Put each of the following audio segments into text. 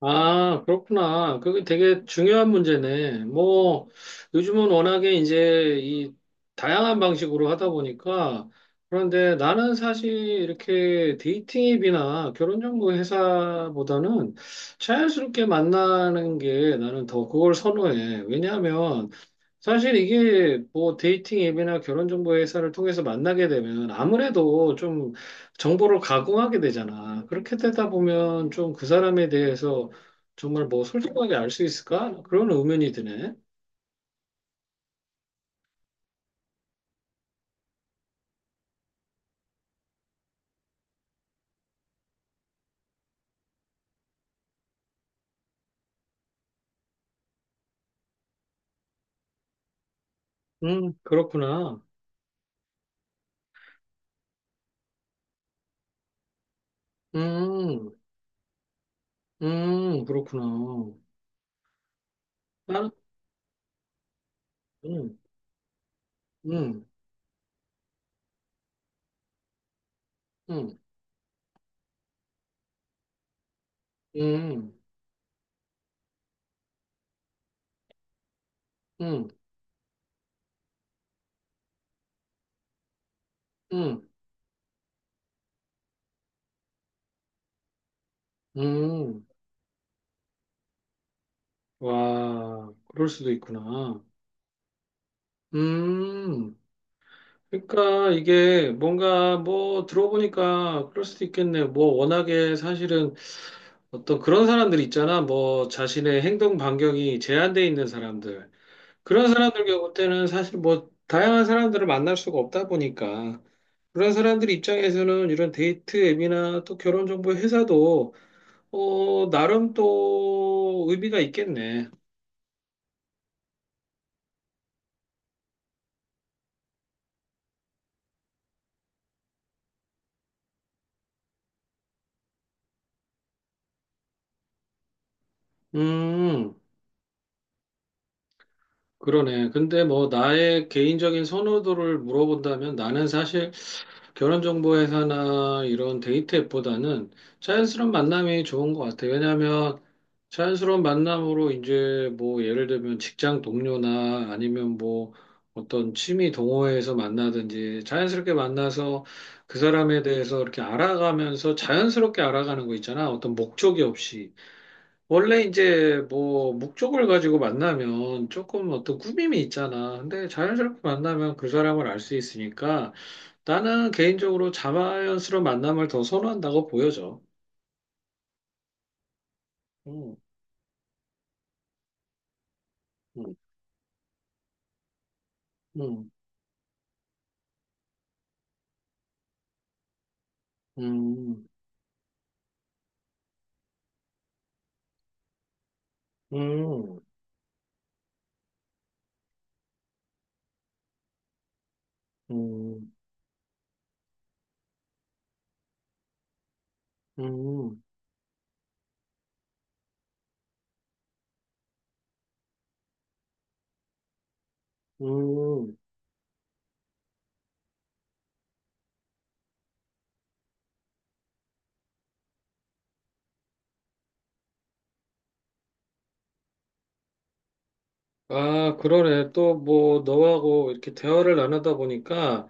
아, 그렇구나. 그게 되게 중요한 문제네. 뭐, 요즘은 워낙에 이제 이 다양한 방식으로 하다 보니까, 그런데 나는 사실 이렇게 데이팅 앱이나 결혼 정보 회사보다는 자연스럽게 만나는 게 나는 더 그걸 선호해. 왜냐하면 사실 이게 뭐 데이팅 앱이나 결혼 정보 회사를 통해서 만나게 되면 아무래도 좀 정보를 가공하게 되잖아. 그렇게 되다 보면 좀 그 사람에 대해서 정말 뭐 솔직하게 알 수 있을까? 그런 의문이 드네. 그렇구나. 음, 그렇구나. 나는, 음, 음, 음, 음, 음, 음, 음. 와, 그럴 수도 있구나. 음. 그러니까 이게 뭔가 뭐 들어보니까 그럴 수도 있겠네. 뭐 워낙에 사실은 어떤 그런 사람들 있잖아. 뭐 자신의 행동 반경이 제한돼 있는 사람들. 그런 사람들 경우 때는 사실 뭐 다양한 사람들을 만날 수가 없다 보니까 그런 사람들 입장에서는 이런 데이트 앱이나 또 결혼 정보 회사도 나름 또 의미가 있겠네. 음. 그러네. 근데 뭐 나의 개인적인 선호도를 물어본다면 나는 사실 결혼정보회사나 이런 데이트 앱보다는 자연스러운 만남이 좋은 것 같아요. 왜냐하면 자연스러운 만남으로 이제 뭐 예를 들면 직장 동료나 아니면 뭐 어떤 취미 동호회에서 만나든지 자연스럽게 만나서 그 사람에 대해서 이렇게 알아가면서 자연스럽게 알아가는 거 있잖아. 어떤 목적이 없이. 원래 이제 뭐 목적을 가지고 만나면 조금 어떤 꾸밈이 있잖아. 근데 자연스럽게 만나면 그 사람을 알 수 있으니까 나는 개인적으로 자연스러운 만남을 더 선호한다고 보여져. 음, 음, 음, 음, 음, 음, 음, 음. 아, 그러네. 또 뭐 너하고 이렇게 대화를 나누다 보니까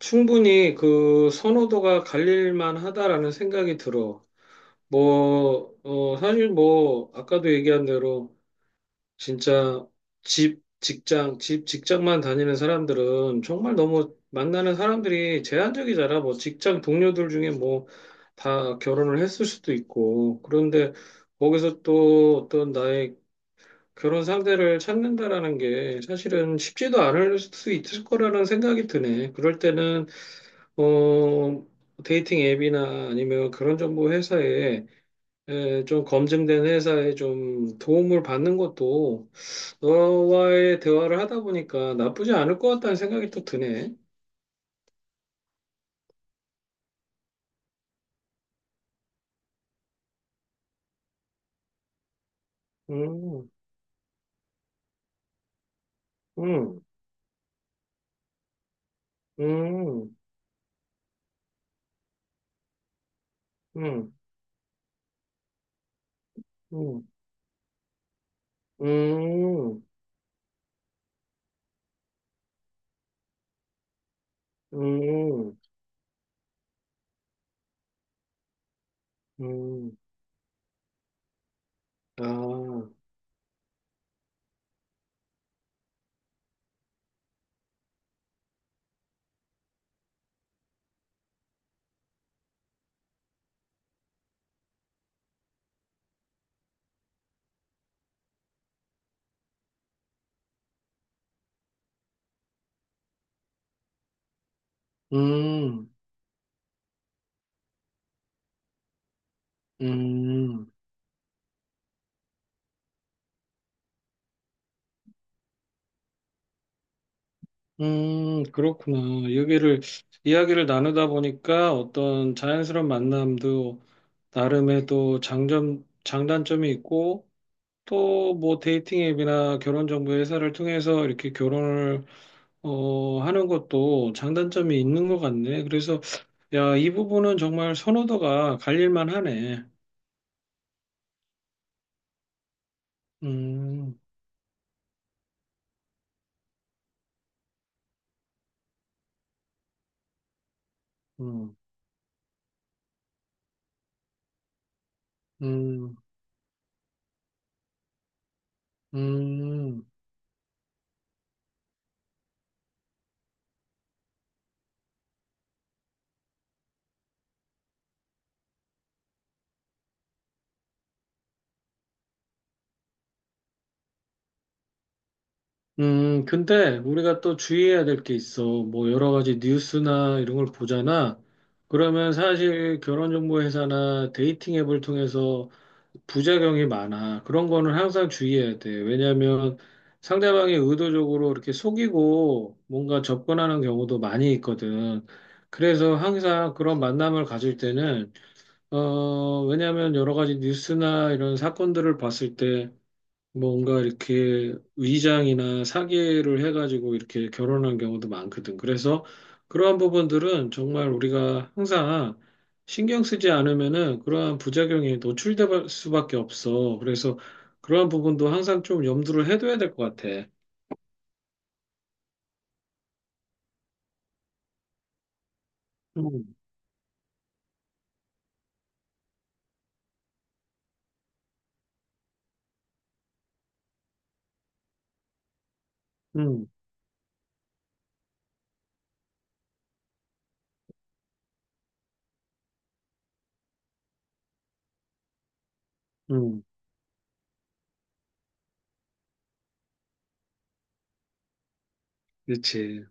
충분히 그 선호도가 갈릴 만하다라는 생각이 들어. 뭐, 사실 뭐, 아까도 얘기한 대로, 진짜 집, 직장, 집, 직장만 다니는 사람들은 정말 너무 만나는 사람들이 제한적이잖아. 뭐, 직장 동료들 중에 뭐, 다 결혼을 했을 수도 있고. 그런데 거기서 또 어떤 나의 결혼 상대를 찾는다라는 게 사실은 쉽지도 않을 수 있을 거라는 생각이 드네. 그럴 때는, 어, 데이팅 앱이나 아니면 그런 정보 회사에 예, 좀 검증된 회사에 좀 도움을 받는 것도 너와의 대화를 하다 보니까 나쁘지 않을 것 같다는 생각이 또 드네. 음, 음, 음, 음, 음, 음, 음, 음, 아, 음, 음, 그렇구나. 여기를, 이야기를 나누다 보니까 어떤 자연스러운 만남도 나름의 또 장점, 장단점이 있고, 또 뭐 데이팅 앱이나 결혼 정보 회사를 통해서 이렇게 결혼을 하는 것도 장단점이 있는 것 같네. 그래서 야, 이 부분은 정말 선호도가 갈릴만 하네. 음, 음, 음, 음, 근데 우리가 또 주의해야 될 게 있어. 뭐 여러 가지 뉴스나 이런 걸 보잖아. 그러면 사실 결혼정보 회사나 데이팅 앱을 통해서 부작용이 많아. 그런 거는 항상 주의해야 돼. 왜냐하면 상대방이 의도적으로 이렇게 속이고 뭔가 접근하는 경우도 많이 있거든. 그래서 항상 그런 만남을 가질 때는, 왜냐하면 여러 가지 뉴스나 이런 사건들을 봤을 때 뭔가 이렇게 위장이나 사기를 해가지고 이렇게 결혼한 경우도 많거든. 그래서 그러한 부분들은 정말 우리가 항상 신경 쓰지 않으면은 그러한 부작용에 노출될 수밖에 없어. 그래서 그러한 부분도 항상 좀 염두를 해둬야 될 것 같아. 음, 음, 음, 그렇지.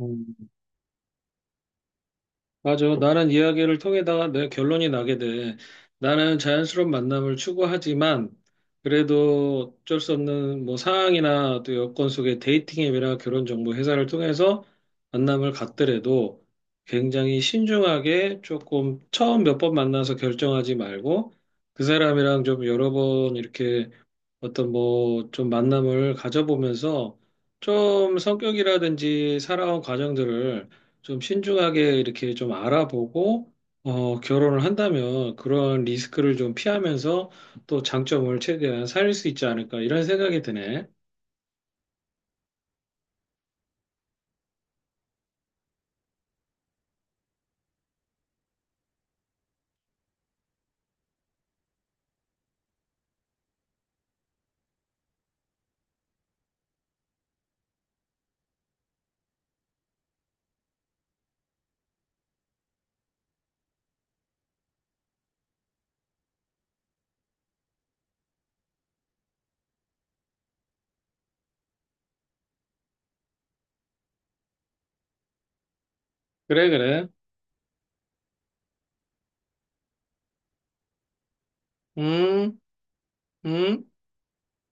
음. 맞아. 나는 이야기를 통해다가 내 결론이 나게 돼. 나는 자연스러운 만남을 추구하지만 그래도 어쩔 수 없는 뭐 상황이나 또 여건 속에 데이팅 앱이나 결혼 정보 회사를 통해서 만남을 갖더라도 굉장히 신중하게 조금 처음 몇 번 만나서 결정하지 말고 그 사람이랑 좀 여러 번 이렇게 어떤 뭐 좀 만남을 가져보면서 좀 성격이라든지 살아온 과정들을 좀 신중하게 이렇게 좀 알아보고 결혼을 한다면 그런 리스크를 좀 피하면서 또 장점을 최대한 살릴 수 있지 않을까 이런 생각이 드네. 그래, 그래. 음, 음.